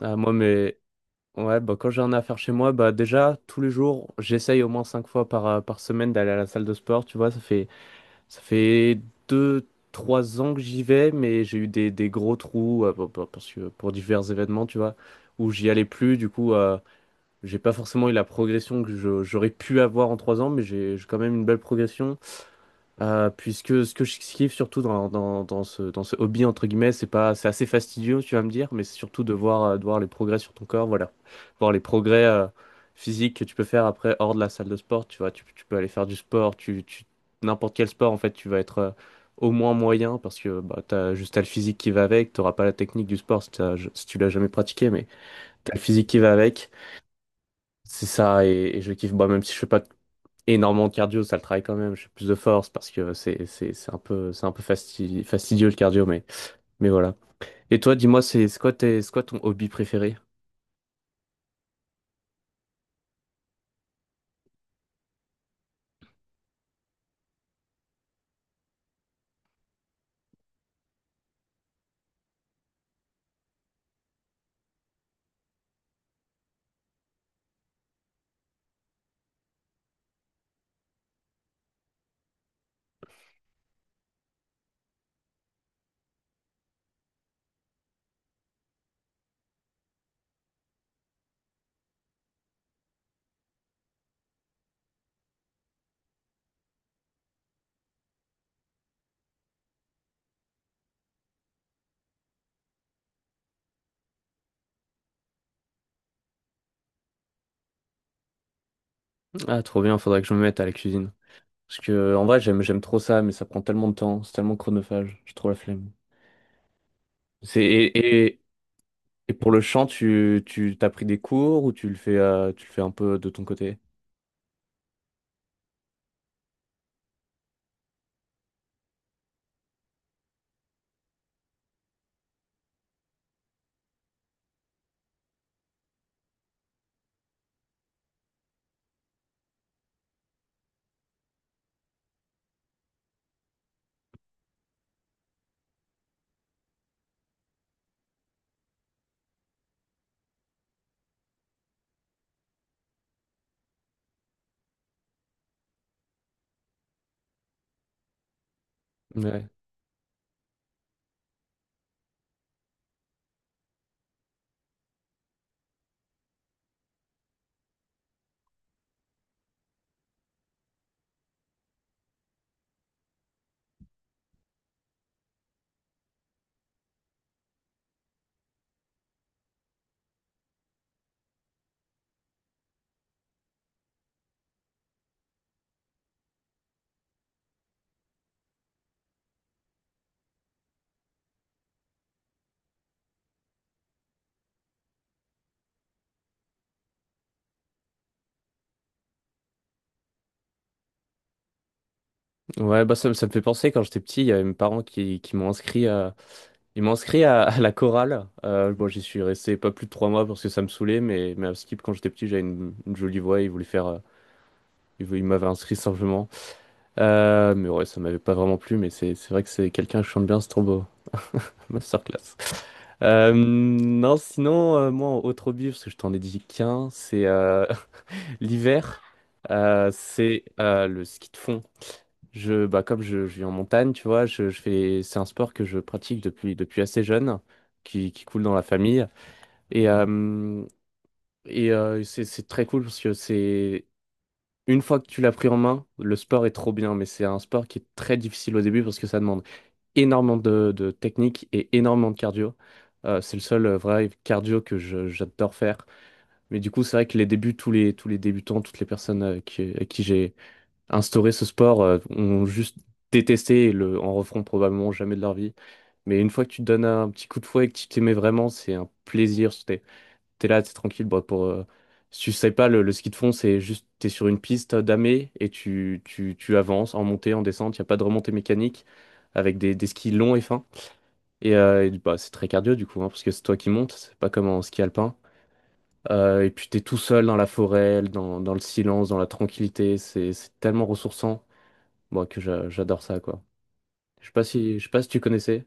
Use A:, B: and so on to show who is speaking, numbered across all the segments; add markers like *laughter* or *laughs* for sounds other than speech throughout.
A: Ah, moi, mais ouais, bah, quand j'ai un affaire chez moi, bah, déjà, tous les jours, j'essaye au moins 5 fois par semaine d'aller à la salle de sport. Tu vois, ça fait 2, 3 ans que j'y vais, mais j'ai eu des gros trous parce que, pour divers événements, tu vois, où j'y allais plus. Du coup, j'ai pas forcément eu la progression que j'aurais pu avoir en 3 ans, mais j'ai quand même une belle progression. Puisque ce que je kiffe surtout dans ce hobby, entre guillemets, c'est pas, c'est assez fastidieux, tu vas me dire, mais c'est surtout de voir les progrès sur ton corps, voilà. Voir les progrès physiques que tu peux faire après hors de la salle de sport, tu vois. Tu peux aller faire du sport, n'importe quel sport, en fait, tu vas être au moins moyen parce que bah, t'as juste t'as le physique qui va avec, t'auras pas la technique du sport si, si tu l'as jamais pratiqué, mais t'as le physique qui va avec. C'est ça, et je kiffe, bah, même si je fais pas énormément de cardio, ça le travaille quand même. Je fais plus de force parce que c'est un peu fastidieux le cardio, mais voilà. Et toi, dis-moi, c'est quoi ton hobby préféré? Ah, trop bien, faudrait que je me mette à la cuisine. Parce que en vrai, j'aime trop ça, mais ça prend tellement de temps, c'est tellement chronophage, j'ai trop la flemme. C'est et pour le chant, tu tu t'as pris des cours ou tu le fais un peu de ton côté? Ouais, ouais, bah ça me fait penser quand j'étais petit, il y avait mes parents qui m'ont inscrit à. Ils m'ont inscrit à la chorale. Bon, j'y suis resté pas plus de 3 mois parce que ça me saoulait, mais à Skip, quand j'étais petit, j'avais une jolie voix. Ils voulaient faire, ils m'avaient inscrit simplement. Mais ouais, ça m'avait pas vraiment plu, mais c'est vrai que c'est quelqu'un qui chante bien, c'est trop beau. *laughs* Masterclass. Non, sinon, moi, autre hobby, parce que je t'en ai dit qu'un, c'est *laughs* l'hiver, c'est le ski de fond. Bah, comme je vis en montagne, tu vois, je fais, c'est un sport que je pratique depuis assez jeune, qui coule dans la famille. Et, euh, et, c'est très cool parce que c'est une fois que tu l'as pris en main, le sport est trop bien, mais c'est un sport qui est très difficile au début parce que ça demande énormément de technique et énormément de cardio. C'est le seul vrai cardio que j'adore faire. Mais du coup, c'est vrai que les débuts, tous les débutants, toutes les personnes à qui j'ai instauré ce sport ont juste détesté et en referont probablement jamais de leur vie. Mais une fois que tu te donnes un petit coup de fouet et que tu t'y vraiment, c'est un plaisir t'es là, t'es tranquille. Bon, si tu sais pas, le ski de fond, c'est juste, t'es sur une piste damée et tu avances en montée, en descente. Il n'y a pas de remontée mécanique avec des skis longs et fins. Bah, c'est très cardio du coup, hein, parce que c'est toi qui montes, c'est pas comme en ski alpin. Et puis t'es tout seul dans la forêt, dans le silence, dans la tranquillité. C'est tellement ressourçant, moi, que j'adore ça, quoi. Je sais pas si tu connaissais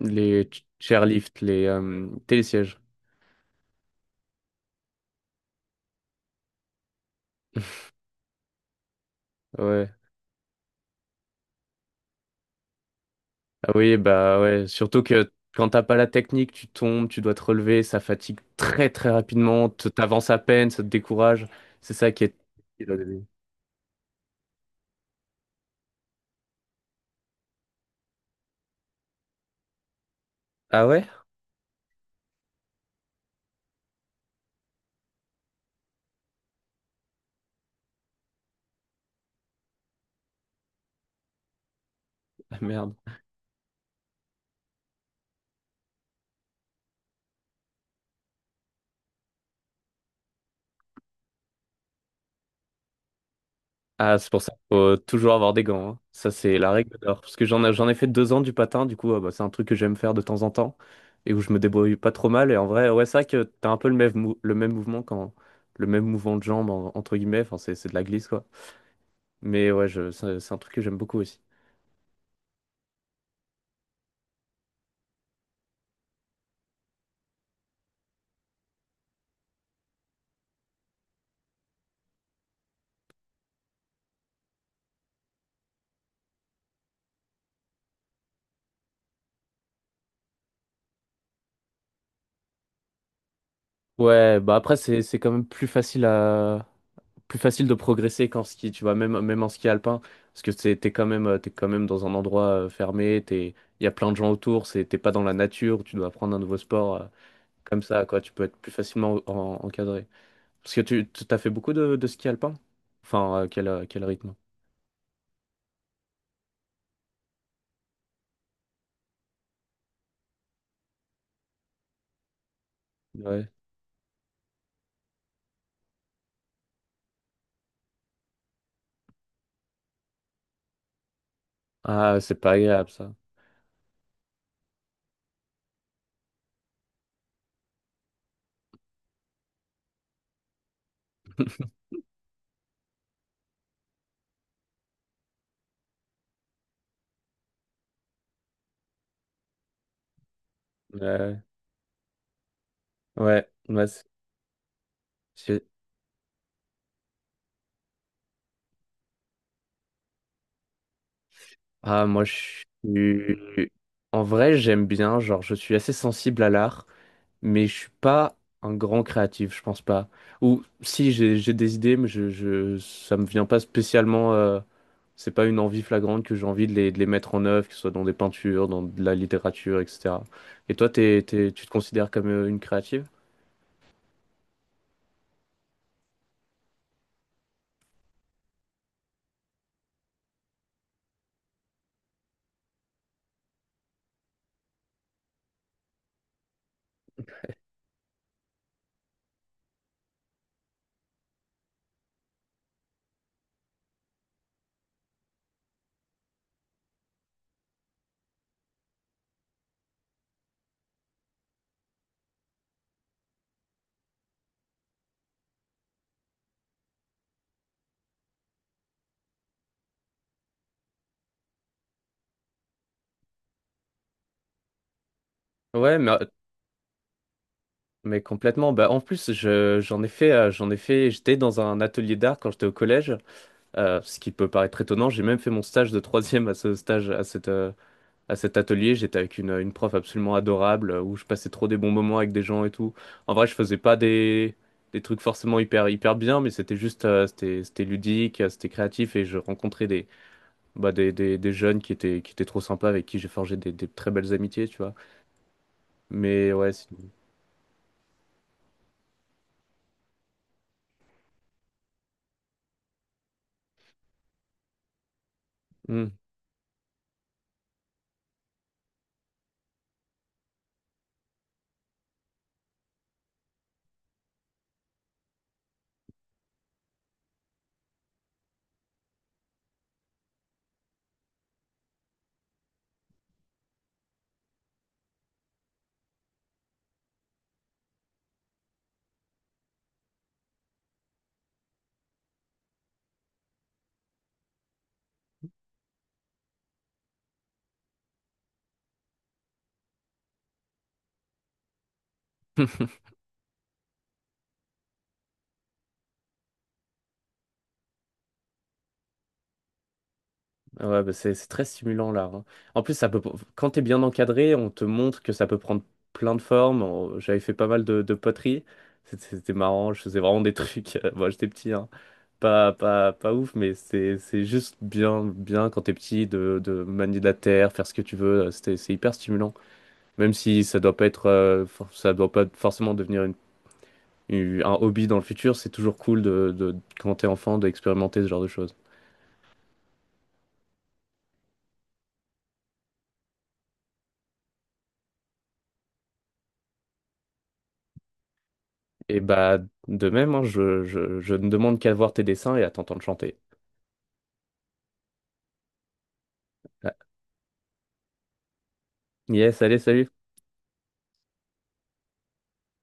A: les chairlifts, les télésièges. *laughs* Ouais. Ah oui, bah ouais, surtout que quand t'as pas la technique, tu tombes, tu dois te relever, ça fatigue très très rapidement, t'avances à peine, ça te décourage. C'est ça qui est difficile au début. Ah ouais? Ah merde. Ah, c'est pour ça qu'il faut toujours avoir des gants, hein. Ça, c'est la règle d'or. Parce que j'en ai fait 2 ans du patin, du coup, ah bah, c'est un truc que j'aime faire de temps en temps et où je me débrouille pas trop mal. Et en vrai, ouais, c'est vrai que t'as un peu le même mouvement quand. Le même mouvement de jambe, entre guillemets, enfin, c'est de la glisse, quoi. Mais ouais, c'est un truc que j'aime beaucoup aussi. Ouais, bah après c'est quand même plus facile de progresser qu'en ski, tu vois, même en ski alpin parce que c'est t'es quand même dans un endroit fermé, t'es il y a plein de gens autour, c'est t'es pas dans la nature, tu dois apprendre un nouveau sport, comme ça quoi, tu peux être plus facilement encadré. Parce que t'as fait beaucoup de ski alpin? Enfin, quel rythme? Ouais. Ah, c'est pas agréable ça. Ouais. Ouais, ouais, c'est- Ah, moi je suis en vrai, j'aime bien, genre je suis assez sensible à l'art. Mais je suis pas un grand créatif, je pense pas. Ou si j'ai des idées, mais je ça me vient pas spécialement. C'est pas une envie flagrante que j'ai envie de les mettre en œuvre, que ce soit dans des peintures, dans de la littérature, etc. Et toi, tu te considères comme une créative? Ouais, mais complètement. Bah, en plus, j'en ai fait, j'étais dans un atelier d'art quand j'étais au collège, ce qui peut paraître étonnant. J'ai même fait mon stage de troisième à ce stage, à cet atelier, j'étais avec une prof absolument adorable où je passais trop des bons moments avec des gens et tout. En vrai, je faisais pas des trucs forcément hyper, hyper bien, mais c'était juste, c'était ludique, c'était créatif et je rencontrais des, bah, des jeunes qui étaient trop sympas avec qui j'ai forgé des très belles amitiés, tu vois. Mais ouais. Hmm. *laughs* Ah, ouais, bah, c'est très stimulant l'art, hein. En plus, ça peut, quand t'es bien encadré, on te montre que ça peut prendre plein de formes. J'avais fait pas mal de poterie. C'était marrant, je faisais vraiment des trucs. *laughs* Moi, j'étais petit, hein. Pas, pas, pas ouf, mais c'est juste bien, bien quand t'es petit de manier la terre, faire ce que tu veux. C'était, c'est hyper stimulant. Même si ça doit pas être, ça doit pas forcément devenir un hobby dans le futur, c'est toujours cool de, quand t'es enfant d'expérimenter ce genre de choses. Et bah, de même, hein, je ne demande qu'à voir tes dessins et à t'entendre chanter. Ah. Yes, allez, salut!